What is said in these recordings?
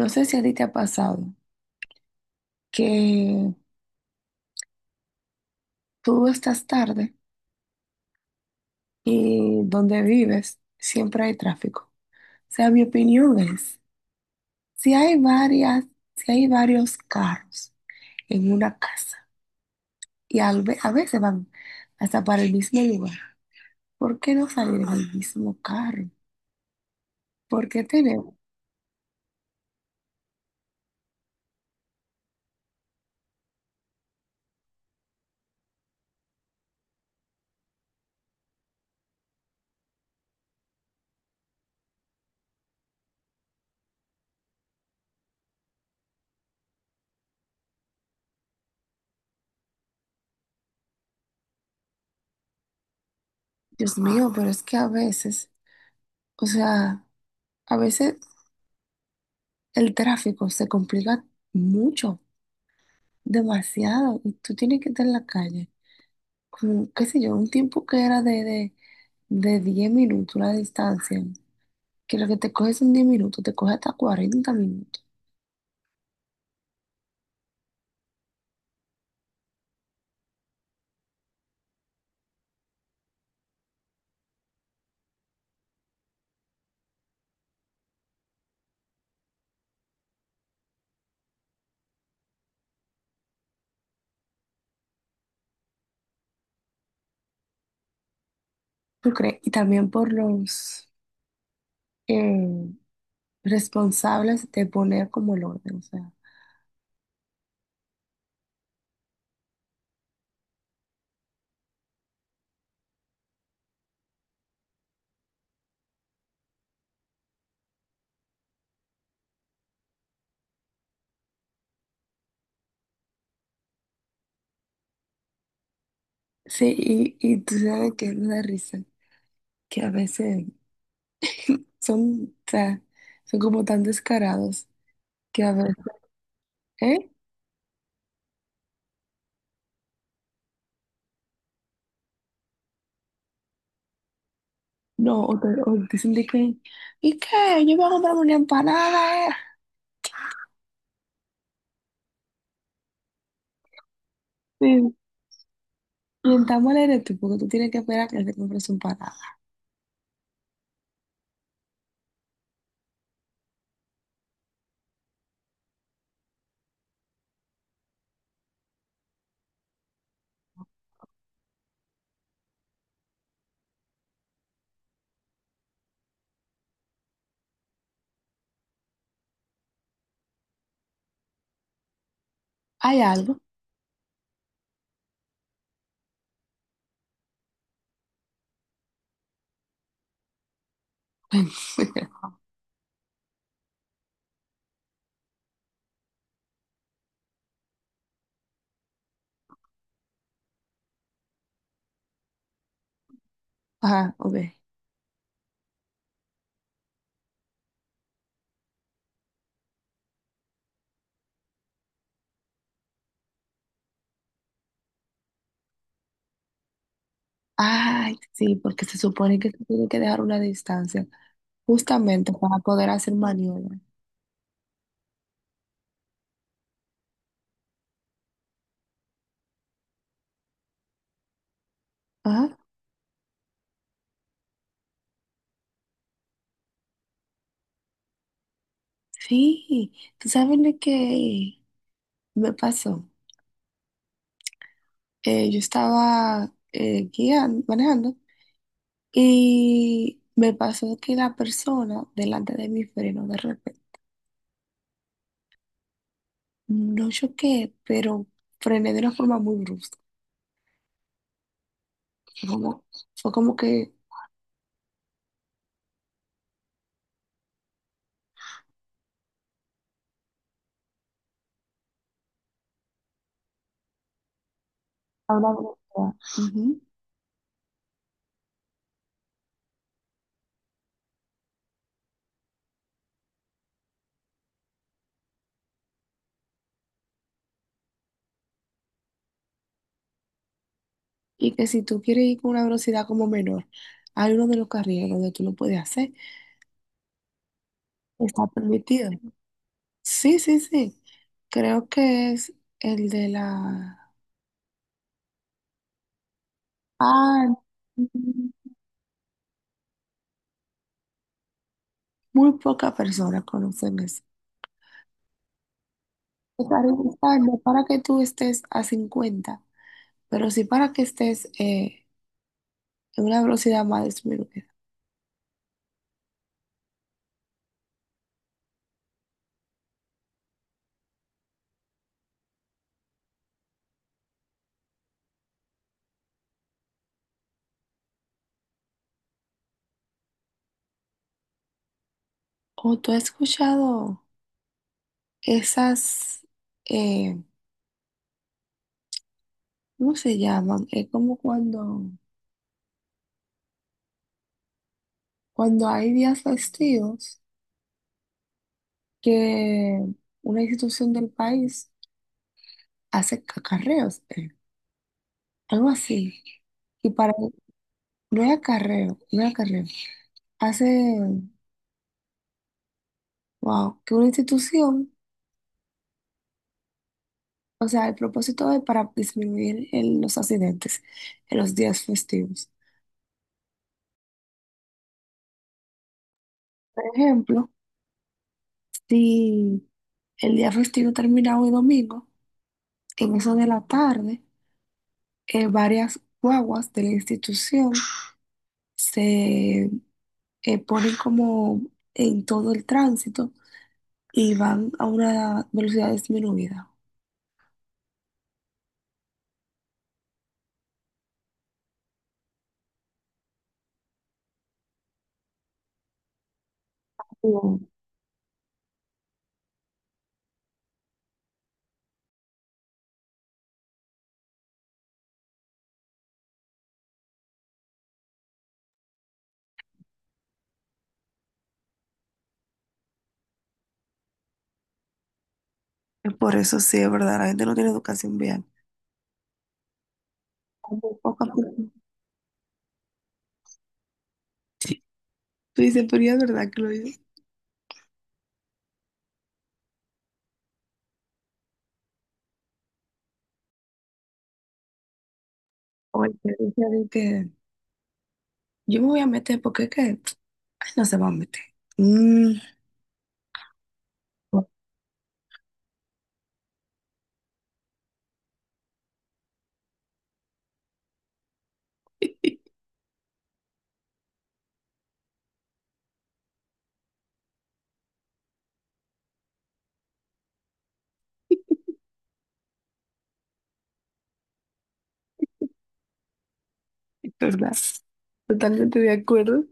No sé si a ti te ha pasado que tú estás tarde y donde vives siempre hay tráfico. O sea, mi opinión es, si hay varias, si hay varios carros en una casa y a veces van hasta para el mismo lugar, ¿por qué no salir en el mismo carro? ¿Por qué tener? Dios mío, pero es que a veces, o sea, a veces el tráfico se complica mucho, demasiado, y tú tienes que estar en la calle. Como, qué sé yo, un tiempo que era de 10 minutos la distancia, que lo que te coges son 10 minutos, te coge hasta 40 minutos. ¿Tú crees? Y también por los eh, responsables de poner como el orden, o sea. Sí, y tú sabes que me da risa, que a veces son, o sea, son como tan descarados que a veces, ¿eh? No, o dicen de que, ¿y qué? Yo voy a comprar una empanada, ¿eh? Sí. Intentamos leer tú, porque tú tienes que esperar que él se compre su empanada. ¿Hay algo? Ajá, ok. Ay, sí, porque se supone que se tiene que dejar una distancia, justamente para poder hacer maniobra. Ajá, sí. ¿Tú sabes lo que me pasó? Yo estaba guiando, manejando, y me pasó que la persona delante de mí frenó de repente. No choqué, pero frené de una forma muy brusca. Fue como, fue como que a una velocidad. Ujú. Y que si tú quieres ir con una velocidad como menor, hay uno de los carriles donde tú lo puedes hacer. Está permitido. Sí, sí, sí. Creo que es el de la... Ah, mm, muy pocas personas conocen eso. Está registrando para que tú estés a 50 pero sí para que estés en una velocidad más disminuida. ¿O tú has escuchado esas... eh, cómo se llaman? Es como cuando... Cuando hay días festivos que una institución del país hace acarreos, algo así. Y para, no es acarreo, no es acarreo. Hace, wow, que una institución, o sea, el propósito es para disminuir los accidentes en los días festivos. Por ejemplo, si el día festivo termina hoy domingo, en eso de la tarde, varias guaguas de la institución se ponen como en todo el tránsito y van a una velocidad disminuida. Wow. Es por eso, sí, es verdad, la gente no tiene educación vial. Hay muy poca persona. Sí. Tú dices, pero ya es verdad que lo dices. O el que dice de que yo me voy a meter porque es que ay, no se va a meter. Mm, es verdad. Totalmente de acuerdo.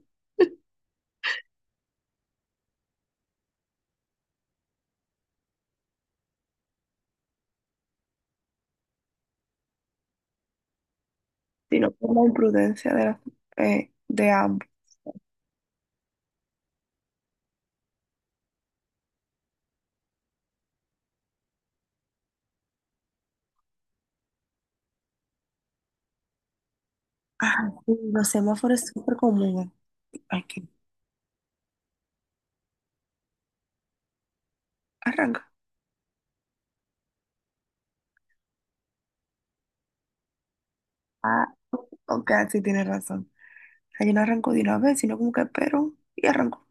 Sino por la imprudencia de, de ambos. Ah, sí, los semáforos es súper común. Aquí. Arranca. Ah, ok, sí tienes razón. O sea, yo no arranco de una vez, sino como que espero y arranco.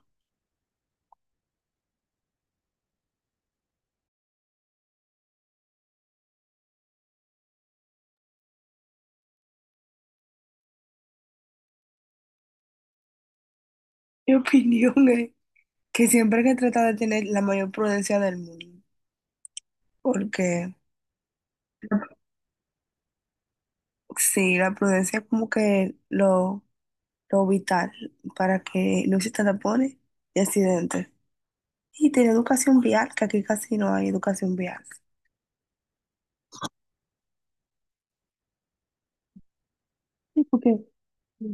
Mi opinión es que siempre hay que tratar de tener la mayor prudencia del mundo. Porque sí, la prudencia es como que lo vital para que no existan tapones y accidentes. Y tener educación vial, que aquí casi no hay educación vial. Sí, porque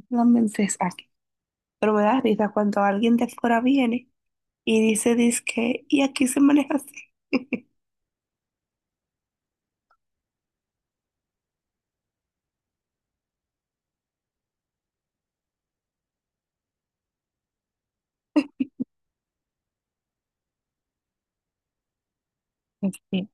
solamente es aquí. Pero me da risa cuando alguien de afuera viene y dice, dizque, y aquí se maneja así. Sí.